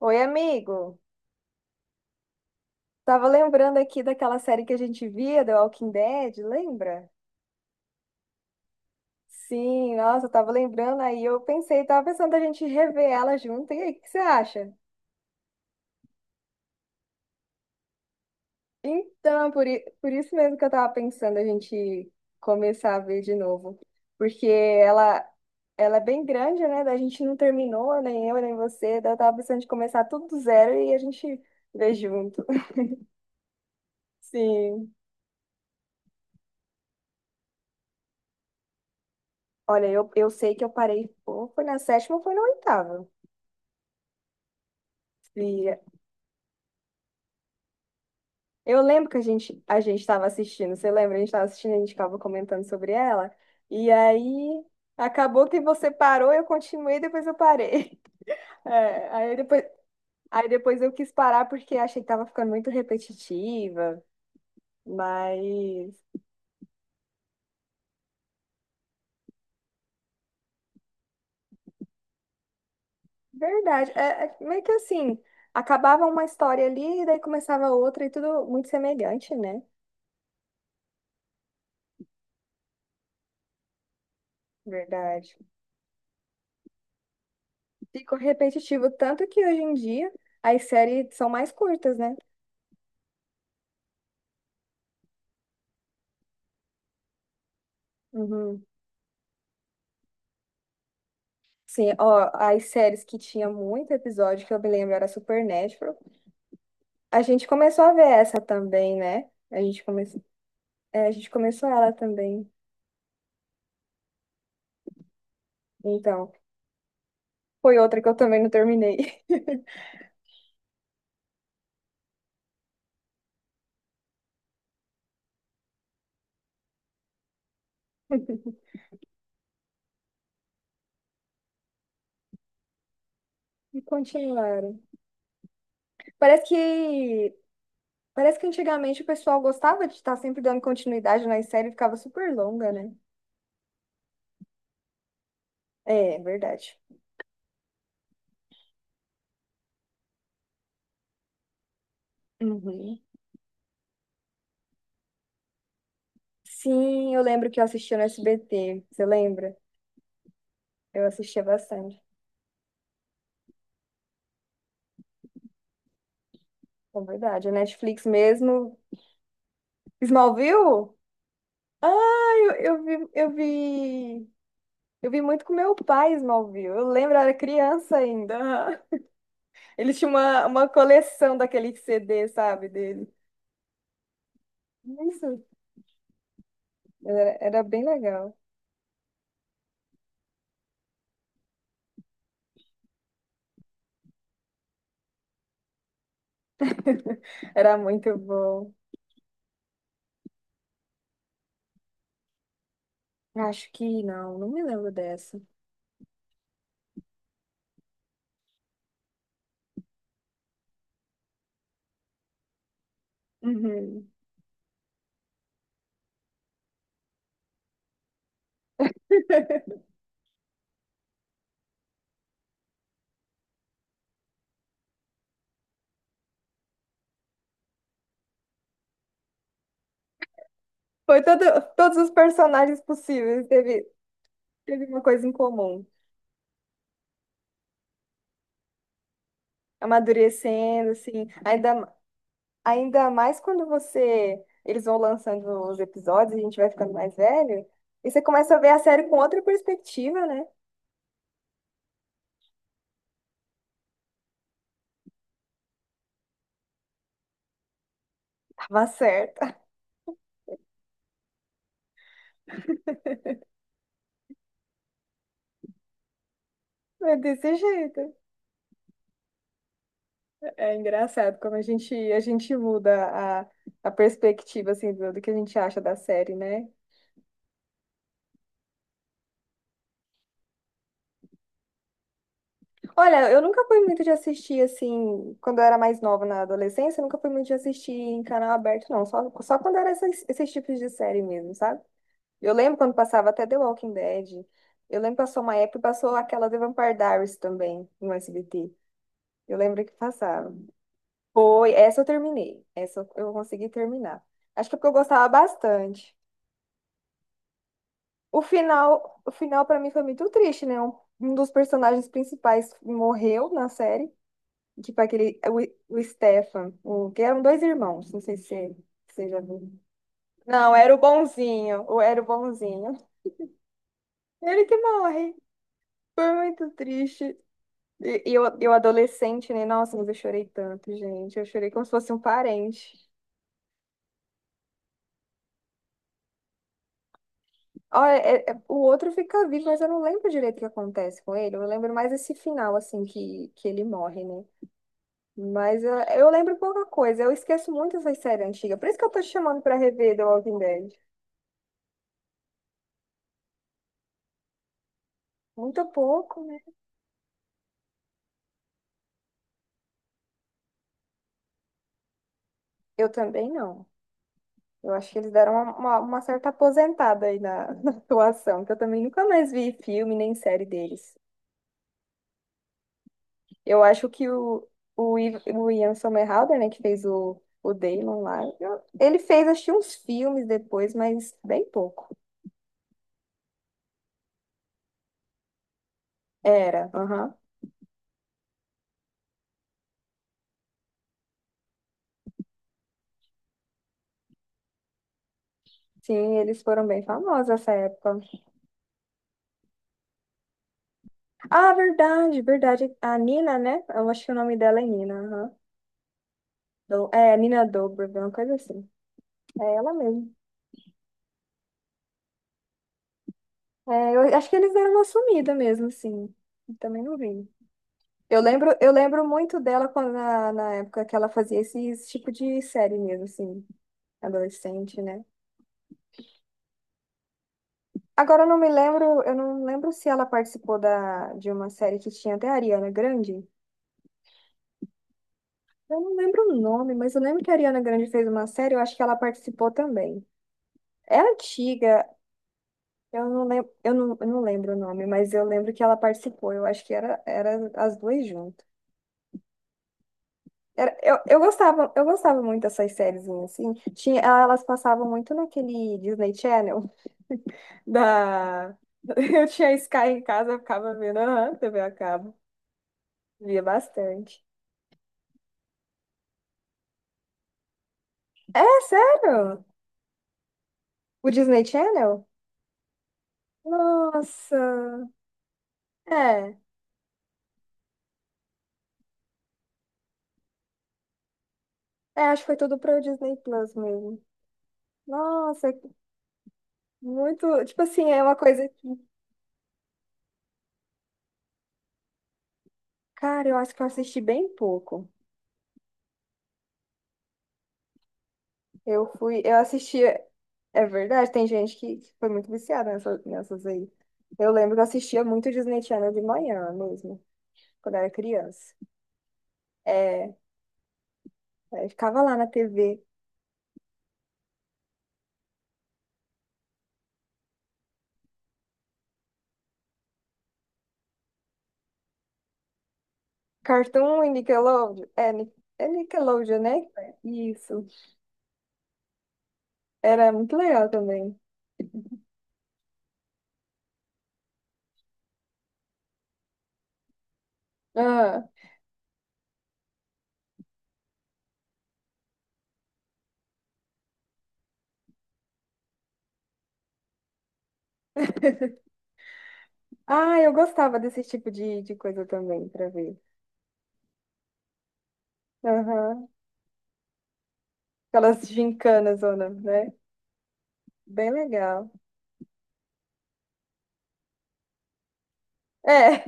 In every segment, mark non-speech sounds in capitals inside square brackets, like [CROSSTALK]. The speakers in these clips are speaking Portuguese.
Oi, amigo. Tava lembrando aqui daquela série que a gente via, The Walking Dead, lembra? Sim, nossa, eu tava lembrando aí, eu pensei, tava pensando a gente rever ela junto. E aí, o que você acha? Por isso mesmo que eu tava pensando a gente começar a ver de novo, porque ela é bem grande, né? Da gente não terminou, nem eu, nem você, daí eu tava pensando de começar tudo do zero e a gente ver junto. [LAUGHS] Sim. Olha, eu sei que eu parei, ou foi na sétima ou foi na oitava. Liga. Eu lembro que a gente estava assistindo, você lembra? A gente estava assistindo, a gente ficava comentando sobre ela. E aí acabou que você parou, eu continuei, depois eu parei. [LAUGHS] É, aí depois eu quis parar porque achei que tava ficando muito repetitiva, mas verdade, é, é meio que assim, acabava uma história ali e daí começava outra e tudo muito semelhante, né? Verdade. Ficou repetitivo tanto que hoje em dia as séries são mais curtas, né? Uhum. Sim, ó, as séries que tinha muito episódio, que eu me lembro, era Supernatural. A gente começou a ver essa também, né? A gente começou, é, a gente começou ela também. Então, foi outra que eu também não terminei. [LAUGHS] E continuaram. Parece que, parece que antigamente o pessoal gostava de estar sempre dando continuidade nas séries, ficava super longa, né? É, é verdade. Uhum. Sim, eu lembro que eu assistia no SBT. Você lembra? Eu assistia bastante. É verdade. A Netflix mesmo. Smallville? Eu, eu vi, eu vi, eu vi muito com meu pai Smallville. Eu lembro, eu era criança ainda. [LAUGHS] Aham. Ele tinha uma coleção daquele CD, sabe, dele. Isso, era, era bem legal. Era muito bom. Acho que não, não me lembro dessa. Uhum. [LAUGHS] Foi todo, todos os personagens possíveis, teve, teve uma coisa em comum. Amadurecendo, assim, ainda, ainda mais quando você. Eles vão lançando os episódios, a gente vai ficando mais velho. E você começa a ver a série com outra perspectiva, né? Tava certa. É desse jeito. É engraçado como a gente muda a perspectiva, assim, do, do que a gente acha da série, né? Olha, eu nunca fui muito de assistir, assim, quando eu era mais nova na adolescência, eu nunca fui muito de assistir em canal aberto, não. Só quando era esses tipos de série mesmo, sabe? Eu lembro quando passava até The Walking Dead. Eu lembro que passou uma época e passou aquela The Vampire Diaries também no SBT. Eu lembro que passava. Foi, essa eu terminei. Essa eu consegui terminar. Acho que é porque eu gostava bastante. O final para mim foi muito triste, né? Um dos personagens principais morreu na série. Tipo aquele, o Stefan, o, que eram dois irmãos, não sei se você já viu. Não, era o bonzinho, ou era o bonzinho. Ele que morre. Foi muito triste. E eu adolescente, né? Nossa, mas eu chorei tanto, gente. Eu chorei como se fosse um parente. Ó, é- é- o outro fica vivo, mas eu não lembro direito o que acontece com ele. Eu lembro mais esse final, assim, que ele morre, né? Mas eu lembro pouca coisa. Eu esqueço muito essas séries antigas. Por isso que eu tô te chamando pra rever The Walking Dead. Muito pouco, né? Eu também não. Eu acho que eles deram uma certa aposentada aí na, [LAUGHS] na atuação, que eu também nunca mais vi filme nem série deles. Eu acho que o Ian Somerhalder, né, que fez o Damon lá, ele fez, acho que uns filmes depois, mas bem pouco. Era, aham. Sim, eles foram bem famosos nessa época. Ah, verdade, verdade. A Nina, né? Eu acho que o nome dela é Nina, aham. É, Nina Dobrev, uma coisa assim. É ela mesmo. É, eu acho que eles deram uma sumida mesmo, assim. Eu também não vi. Eu lembro muito dela quando, na, na época que ela fazia esse, esse tipo de série mesmo, assim. Adolescente, né? Agora eu não me lembro, eu não lembro se ela participou da, de uma série que tinha até a Ariana Grande. Eu não lembro o nome, mas eu lembro que a Ariana Grande fez uma série, eu acho que ela participou também. É antiga, eu não lembro, eu não lembro o nome, mas eu lembro que ela participou. Eu acho que era, era as duas juntas. Eu gostava muito dessas séries assim. Tinha, elas passavam muito naquele Disney Channel da. [LAUGHS] Eu tinha Sky em casa, eu ficava vendo, aham, TV a cabo. Via bastante. É, sério? O Disney Channel? Nossa. É. É, acho que foi tudo para o Disney Plus mesmo. Nossa, muito. Tipo assim, é uma coisa que. Cara, eu acho que eu assisti bem pouco. Eu fui. Eu assisti. É verdade, tem gente que foi muito viciada nessa- nessas aí. Eu lembro que eu assistia muito Disney Channel de manhã mesmo, quando eu era criança. É, aí ficava lá na TV. Cartoon e Nickelodeon. É, Nickelodeon, né? Isso. Era muito legal também. Ah, [LAUGHS] ah eu gostava desse tipo de coisa também, pra ver. Aham. Aquelas gincanas, zona, né? Bem legal. É,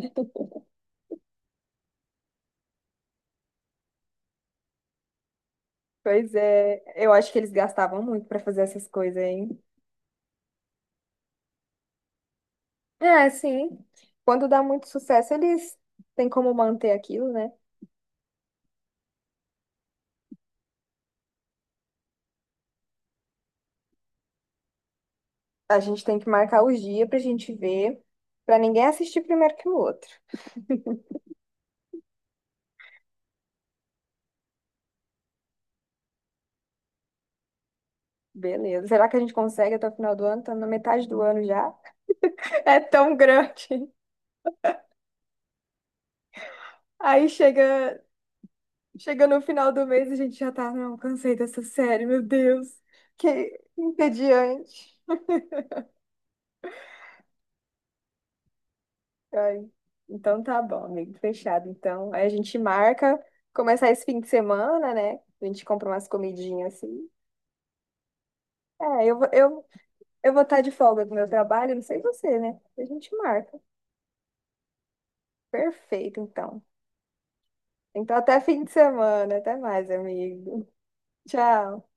[LAUGHS] pois é. Eu acho que eles gastavam muito pra fazer essas coisas, hein? É, sim. Quando dá muito sucesso, eles têm como manter aquilo, né? A gente tem que marcar os dias pra gente ver, pra ninguém assistir primeiro que o outro. Beleza. Será que a gente consegue até o final do ano? Tá na metade do ano já. [LAUGHS] É tão grande. Aí chega, chega no final do mês e a gente já tá, não, cansei dessa série, meu Deus, que entediante. Ai, então tá bom, amigo, fechado. Então, aí a gente marca, começar esse fim de semana, né? A gente compra umas comidinhas assim. É, eu, vou- eu, eu vou estar de folga do meu trabalho, não sei você, né? A gente marca. Perfeito, então. Então, até fim de semana. Até mais, amigo. Tchau.